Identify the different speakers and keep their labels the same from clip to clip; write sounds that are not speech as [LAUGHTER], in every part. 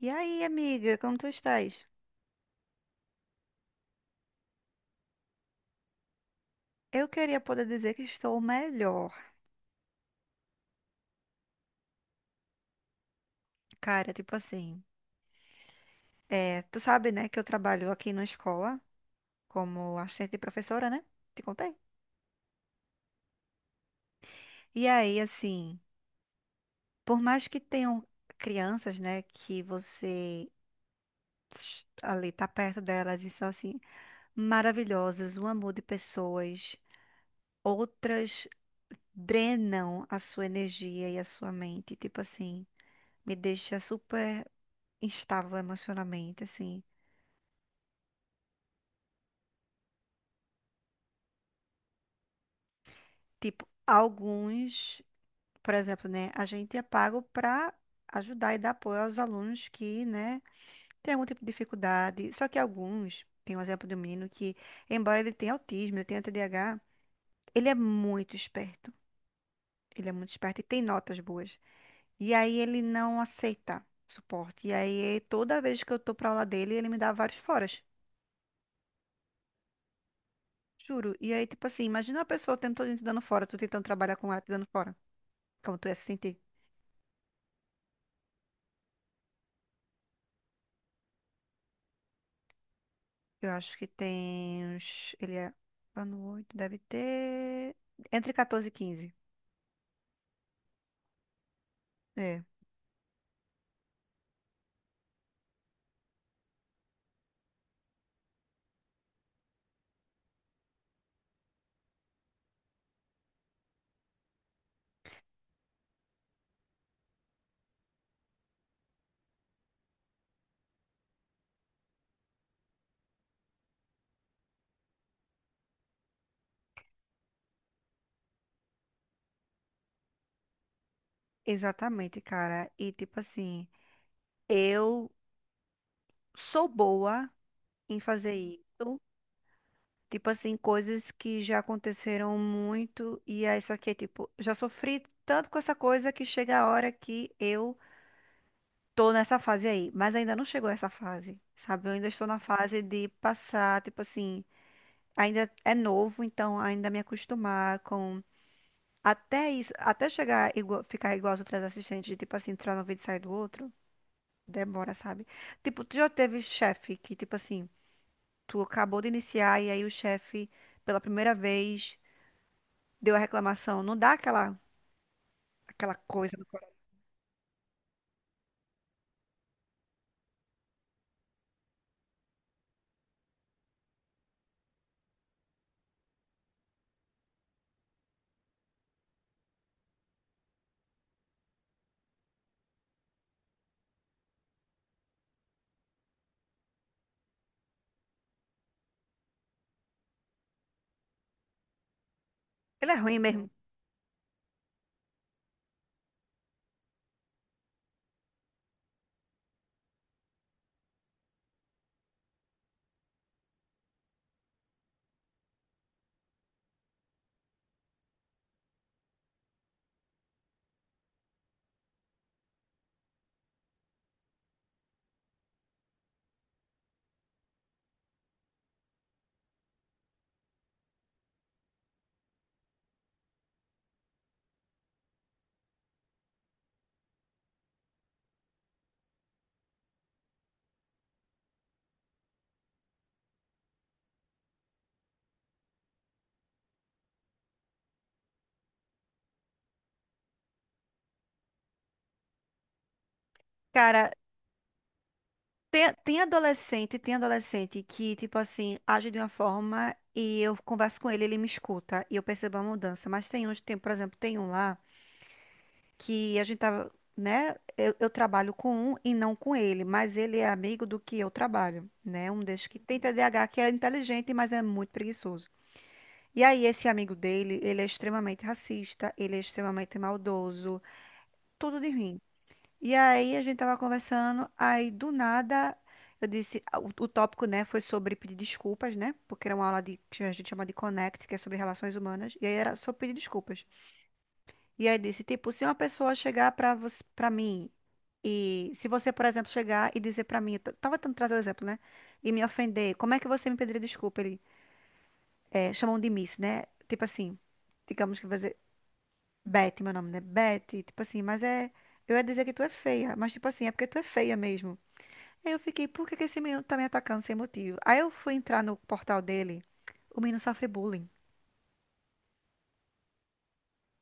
Speaker 1: E aí, amiga, como tu estás? Eu queria poder dizer que estou melhor. Cara, tipo assim, é, tu sabe, né, que eu trabalho aqui na escola como assistente de professora, né? Te contei. E aí, assim, por mais que tenham crianças, né, que ali tá perto delas e são assim maravilhosas, um amor de pessoas, outras drenam a sua energia e a sua mente, tipo assim, me deixa super instável emocionalmente, assim. Tipo, alguns, por exemplo, né, a gente é pago para ajudar e dar apoio aos alunos que, né, têm algum tipo de dificuldade. Só que alguns, tem um exemplo de um menino que, embora ele tenha autismo, ele tenha TDAH, ele é muito esperto. Ele é muito esperto e tem notas boas. E aí ele não aceita suporte. E aí toda vez que eu tô pra aula dele, ele me dá vários foras. Juro. E aí, tipo assim, imagina uma pessoa o tempo todo te dando fora, tu tentando trabalhar com ela te dando fora. Como tu ia se sentir? Eu acho que tem uns. Ele é ano 8 deve ter. Entre 14 e 15. É, exatamente, cara. E tipo assim, eu sou boa em fazer isso. Tipo assim, coisas que já aconteceram muito. E aí, só que, tipo, já sofri tanto com essa coisa que chega a hora que eu tô nessa fase aí. Mas ainda não chegou essa fase, sabe? Eu ainda estou na fase de passar, tipo assim. Ainda é novo, então ainda me acostumar com Até isso, até chegar igual, ficar igual aos outros assistentes, de, tipo assim, entrar no vídeo e sair do outro, demora, sabe? Tipo, tu já teve chefe que, tipo assim, tu acabou de iniciar e aí o chefe, pela primeira vez, deu a reclamação. Não dá aquela coisa no coração. Ele é ruim mesmo. Cara, tem adolescente que, tipo assim, age de uma forma e eu converso com ele, ele me escuta e eu percebo a mudança. Mas tem uns, tem, por exemplo, tem um lá. Que a gente tava, né? Eu trabalho com um e não com ele, mas ele é amigo do que eu trabalho, né? Um desses que tem TDAH, que é inteligente, mas é muito preguiçoso. E aí, esse amigo dele, ele é extremamente racista, ele é extremamente maldoso, tudo de ruim. E aí, a gente tava conversando, aí do nada. Eu disse, ah, o tópico, né, foi sobre pedir desculpas, né? Porque era uma aula de, que a gente chama de Connect, que é sobre relações humanas, e aí era sobre pedir desculpas. E aí disse, tipo, se uma pessoa chegar para você, para mim e se você, por exemplo, chegar e dizer para mim, eu tava tentando trazer o exemplo, né? E me ofender, como é que você me pediria desculpa? Ele é, chamam de Miss, né? Tipo assim, digamos que vai dizer Beth, meu nome, né? Beth, tipo assim, mas é eu ia dizer que tu é feia, mas tipo assim, é porque tu é feia mesmo. Aí eu fiquei, por que que esse menino tá me atacando sem motivo? Aí eu fui entrar no portal dele, o menino sofre bullying.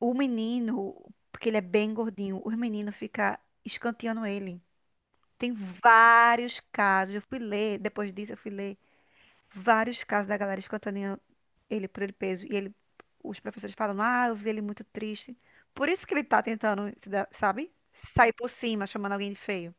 Speaker 1: O menino, porque ele é bem gordinho, o menino fica escanteando ele. Tem vários casos. Eu fui ler, depois disso eu fui ler vários casos da galera escutando ele por ele peso. E ele, os professores falam, ah, eu vi ele muito triste. Por isso que ele tá tentando, se dar- sabe? Sair por cima, chamando alguém de feio.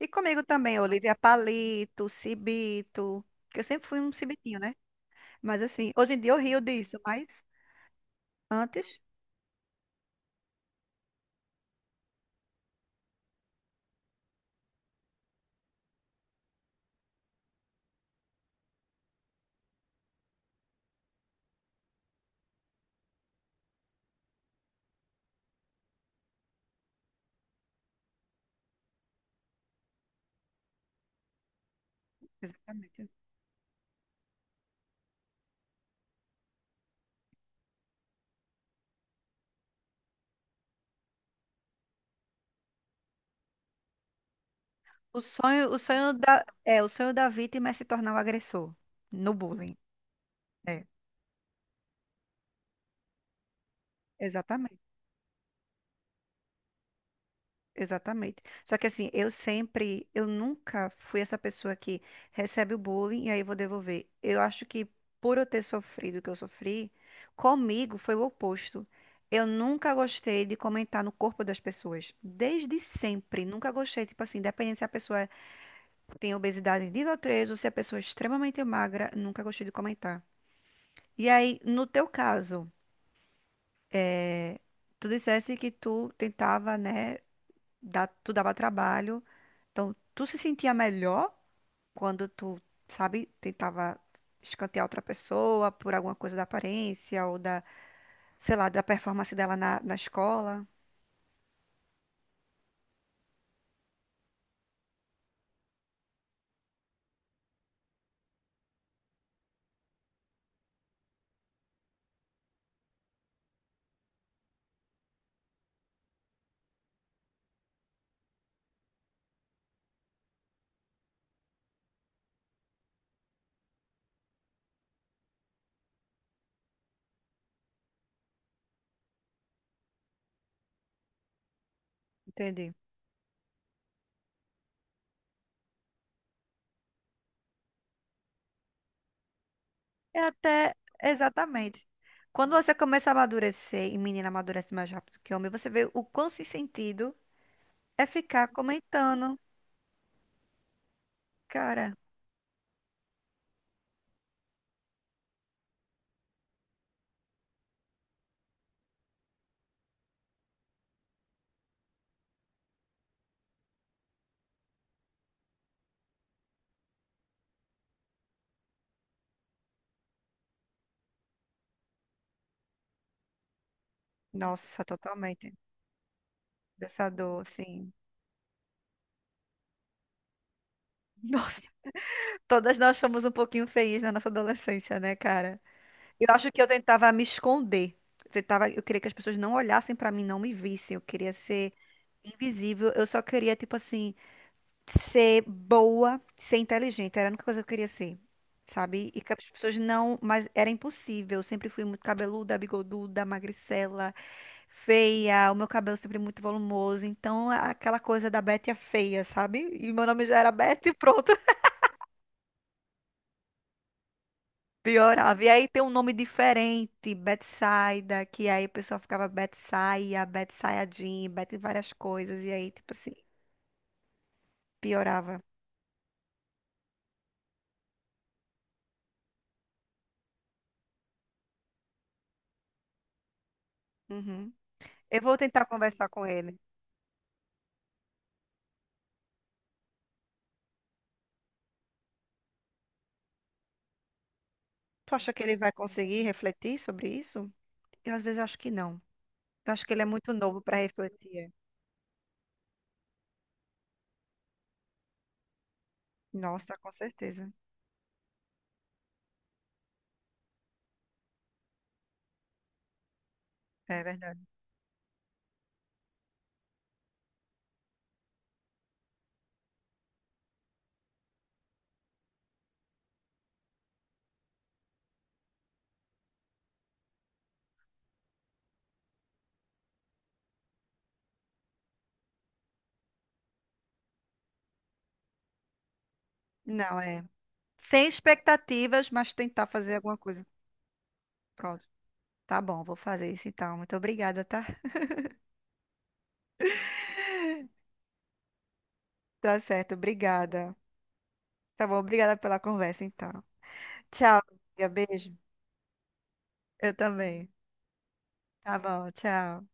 Speaker 1: E comigo também, Olivia Palito, Cibito. Que eu sempre fui um cibitinho, né? Mas assim, hoje em dia eu rio disso, mas antes. Exatamente. O sonho da vítima é se tornar o agressor no bullying. É, exatamente. Exatamente. Só que assim, eu nunca fui essa pessoa que recebe o bullying e aí vou devolver. Eu acho que por eu ter sofrido o que eu sofri, comigo foi o oposto. Eu nunca gostei de comentar no corpo das pessoas. Desde sempre. Nunca gostei, tipo assim, independente se a pessoa tem obesidade nível 3 ou se a pessoa é extremamente magra, nunca gostei de comentar. E aí, no teu caso, tu dissesse que tu tentava, né, dar, tu dava trabalho. Então, tu se sentia melhor quando tu, sabe, tentava escantear outra pessoa por alguma coisa da aparência ou da, sei lá, da performance dela na escola. Entendi. É até, exatamente. Quando você começa a amadurecer, e menina amadurece mais rápido que homem, você vê o quão sem sentido é ficar comentando. Cara, nossa, totalmente. Dessa dor, assim. Nossa, [LAUGHS] todas nós fomos um pouquinho feias na nossa adolescência, né, cara? Eu acho que eu tentava me esconder. Eu queria que as pessoas não olhassem pra mim, não me vissem. Eu queria ser invisível. Eu só queria, tipo assim, ser boa, ser inteligente. Era a única coisa que eu queria ser, sabe? E que as pessoas não, mas era impossível. Eu sempre fui muito cabeluda, bigoduda, magricela, feia. O meu cabelo sempre muito volumoso. Então, aquela coisa da Betty a feia, sabe? E meu nome já era Betty, pronto. Piorava. E aí tem um nome diferente, Betsaida, que aí o pessoal ficava Betsaia, Betsaia Jean, Bet várias coisas. E aí, tipo assim, piorava. Uhum. Eu vou tentar conversar com ele. Tu acha que ele vai conseguir refletir sobre isso? Eu às vezes acho que não. Eu acho que ele é muito novo para refletir. Nossa, com certeza. É verdade. Não, é. Sem expectativas, mas tentar fazer alguma coisa. Pronto. Tá bom, vou fazer isso então. Muito obrigada, tá? Tá certo, obrigada. Tá bom, obrigada pela conversa então. Tchau, amiga. Beijo. Eu também. Tá bom, tchau.